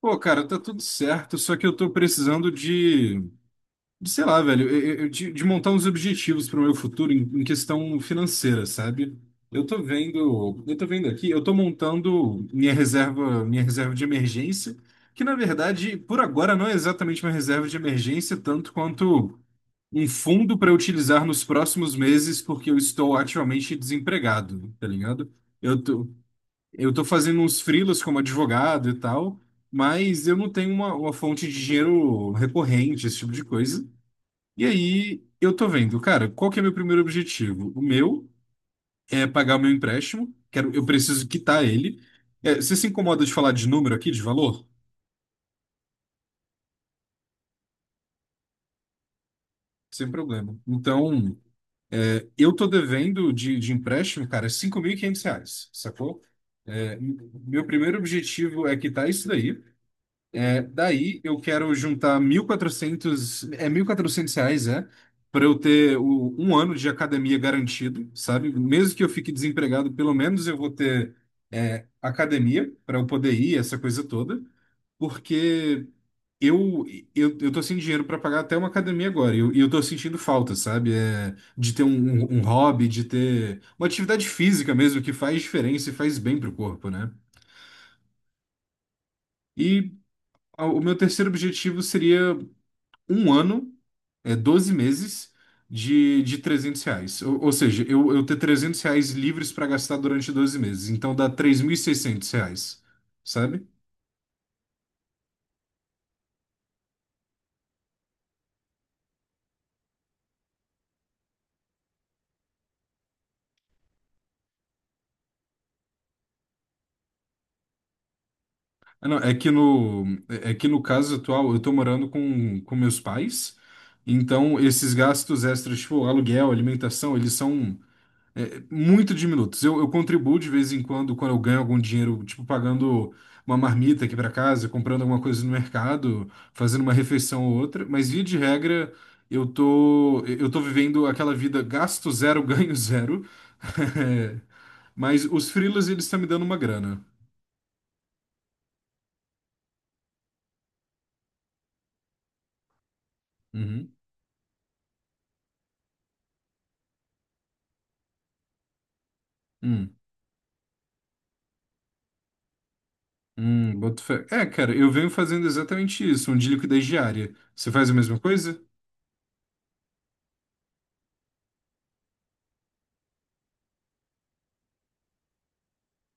Pô, cara, tá tudo certo, só que eu tô precisando de sei lá, velho, de montar uns objetivos para o meu futuro em questão financeira, sabe? Eu tô vendo aqui, eu tô montando minha reserva de emergência, que na verdade, por agora, não é exatamente uma reserva de emergência, tanto quanto um fundo para utilizar nos próximos meses, porque eu estou ativamente desempregado, tá ligado? Eu tô, eu tô fazendo uns freelas como advogado e tal, mas eu não tenho uma fonte de dinheiro recorrente, esse tipo de coisa. E aí eu tô vendo, cara, qual que é meu primeiro objetivo? O meu é pagar o meu empréstimo, eu preciso quitar ele. É, você se incomoda de falar de número aqui, de valor? Sem problema. Então, é, eu tô devendo de empréstimo, cara, R$ 5.500, sacou? É, meu primeiro objetivo é quitar isso daí. É, daí eu quero juntar mil e quatrocentos reais, para eu ter um ano de academia garantido, sabe? Mesmo que eu fique desempregado, pelo menos eu vou ter academia para eu poder ir, essa coisa toda, porque eu eu tô sem dinheiro para pagar até uma academia agora, e eu tô sentindo falta, sabe? É, de ter um hobby, de ter uma atividade física mesmo, que faz diferença e faz bem pro corpo, né? E o meu terceiro objetivo seria um ano, é 12 meses de R$ 300. Ou seja, eu ter R$ 300 livres para gastar durante 12 meses. Então dá R$ 3.600, sabe? Ah, não, é que no, é é que no caso atual eu tô morando com meus pais. Então esses gastos extras, tipo aluguel, alimentação, eles são. É, muito diminutos. Eu contribuo de vez em quando, quando eu ganho algum dinheiro, tipo pagando uma marmita aqui para casa, comprando alguma coisa no mercado, fazendo uma refeição ou outra, mas via de regra, eu tô vivendo aquela vida gasto zero, ganho zero. Mas os freelas, eles estão me dando uma grana. Uhum. Hum. Boto fé. É, cara, eu venho fazendo exatamente isso, um de liquidez diária. Você faz a mesma coisa?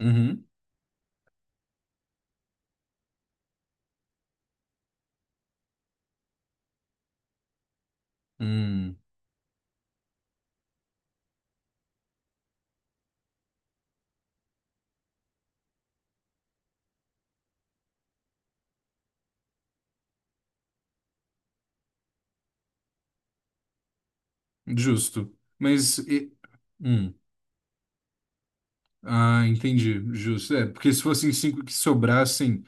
Uhum. Hum. Justo. Mas. Hum. Ah, entendi, justo. É, porque se fossem cinco que sobrassem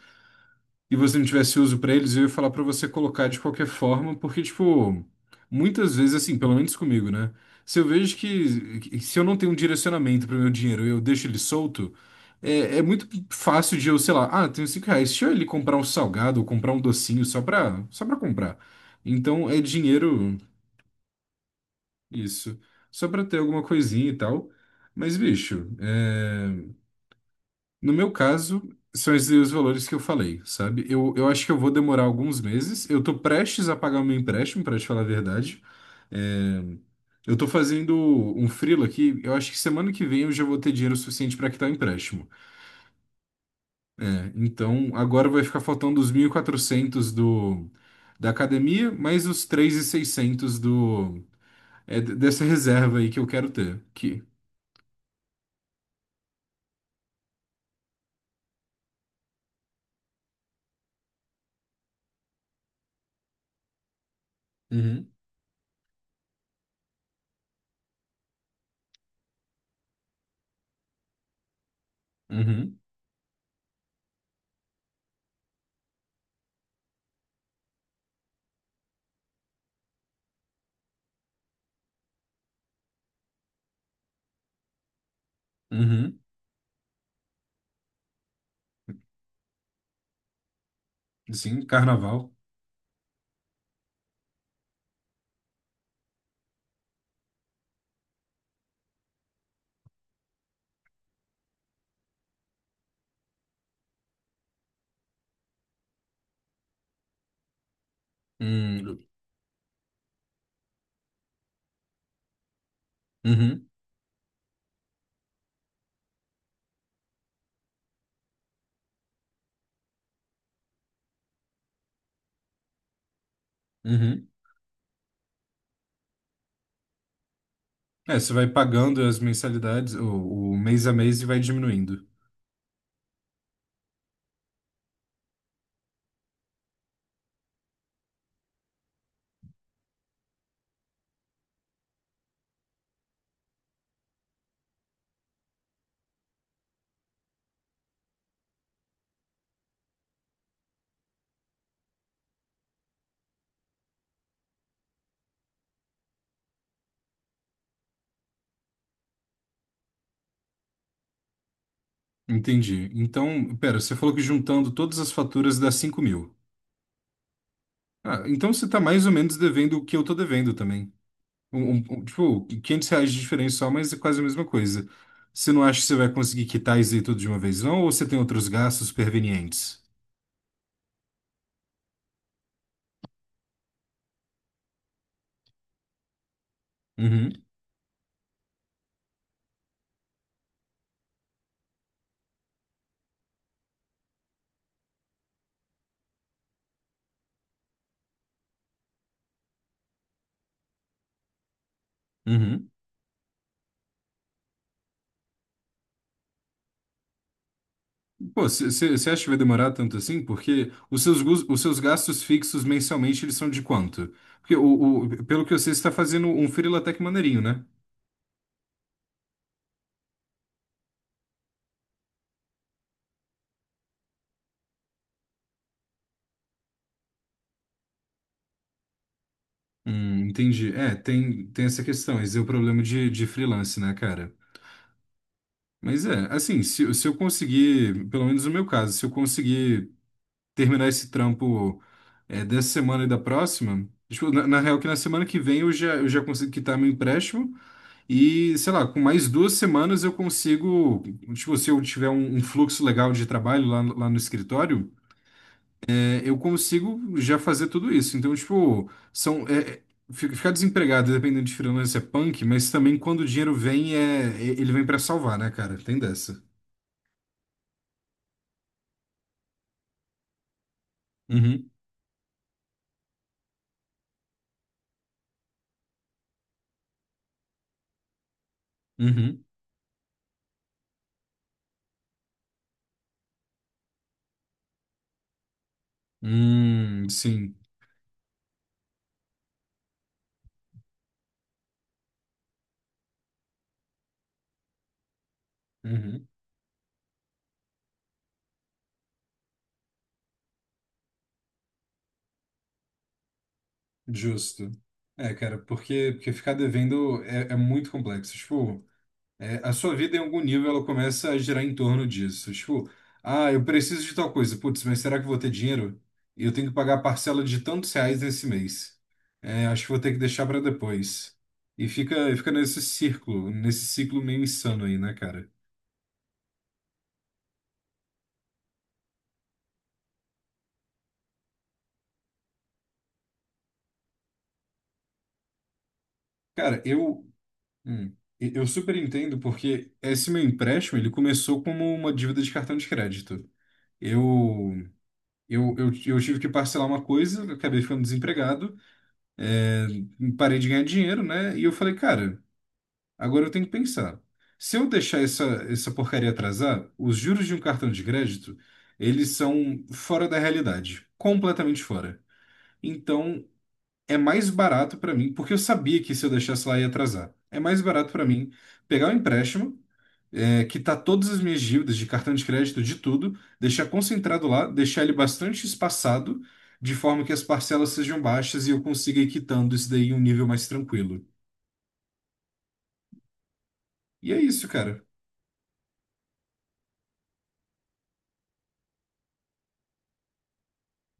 e você não tivesse uso pra eles, eu ia falar pra você colocar de qualquer forma, porque, tipo, muitas vezes, assim, pelo menos comigo, né? Se eu vejo se eu não tenho um direcionamento pro meu dinheiro e eu deixo ele solto, é muito fácil de eu, sei lá, ah, tenho R$ 5, deixa eu ele comprar um salgado ou comprar um docinho só pra comprar. Então, é dinheiro, isso, só pra ter alguma coisinha e tal. Mas, bicho, é. No meu caso, são esses os valores que eu falei, sabe? Eu acho que eu vou demorar alguns meses. Eu tô prestes a pagar o meu empréstimo, pra te falar a verdade. É, eu tô fazendo um freelo aqui. Eu acho que semana que vem eu já vou ter dinheiro suficiente pra quitar o empréstimo, né? Então, agora vai ficar faltando os 1.400 do da academia, mais os 3.600 do dessa reserva aí que eu quero ter. Que Uhum, uhum, uhum. Sim, carnaval. Hum, uhum, uhum. É, você vai pagando as mensalidades, o mês a mês e vai diminuindo. Entendi. Então, pera, você falou que juntando todas as faturas dá 5.000. Ah, então você tá mais ou menos devendo o que eu tô devendo também. Tipo, R$ 500 de diferença só, mas é quase a mesma coisa. Você não acha que você vai conseguir quitar isso aí tudo de uma vez, não? Ou você tem outros gastos pervenientes? Uhum, uhum. Pô, você acha que vai demorar tanto assim? Porque os seus gastos fixos mensalmente, eles são de quanto? Porque pelo que eu sei, você está fazendo um freela até que maneirinho, né? Entendi. É, tem essa questão. Esse é o problema de freelance, né, cara? Mas é, assim, se eu conseguir, pelo menos no meu caso, se eu conseguir terminar esse trampo é, dessa semana e da próxima, tipo, na real que na semana que vem eu já consigo quitar meu empréstimo e, sei lá, com mais 2 semanas eu consigo, tipo, se eu tiver um fluxo legal de trabalho lá, lá no escritório, é, eu consigo já fazer tudo isso. Então, tipo, são, ficar desempregado, dependendo de freelancer, é punk, mas também quando o dinheiro vem, ele vem pra salvar, né, cara? Tem dessa. Uhum, uhum. Sim. Uhum, justo. É, cara, porque ficar devendo é muito complexo. Tipo, é, a sua vida, em algum nível, ela começa a girar em torno disso. Tipo, ah, eu preciso de tal coisa. Putz, mas será que eu vou ter dinheiro? E eu tenho que pagar a parcela de tantos reais nesse mês. É, acho que vou ter que deixar para depois. E fica nesse círculo, nesse ciclo meio insano aí, né, cara? Cara, eu super entendo porque esse meu empréstimo, ele começou como uma dívida de cartão de crédito. Eu, eu tive que parcelar uma coisa, eu acabei ficando desempregado. É, parei de ganhar dinheiro, né? E eu falei, cara, agora eu tenho que pensar. Se eu deixar essa porcaria atrasar, os juros de um cartão de crédito, eles são fora da realidade, completamente fora. Então, é mais barato para mim, porque eu sabia que se eu deixasse lá ia atrasar. É mais barato para mim pegar o empréstimo, quitar todas as minhas dívidas de cartão de crédito, de tudo, deixar concentrado lá, deixar ele bastante espaçado, de forma que as parcelas sejam baixas e eu consiga ir quitando isso daí em um nível mais tranquilo. E é isso, cara.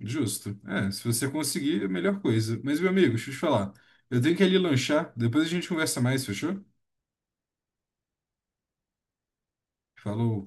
Justo. É, se você conseguir, é a melhor coisa. Mas, meu amigo, deixa eu te falar. Eu tenho que ir ali lanchar, depois a gente conversa mais, fechou? Falou.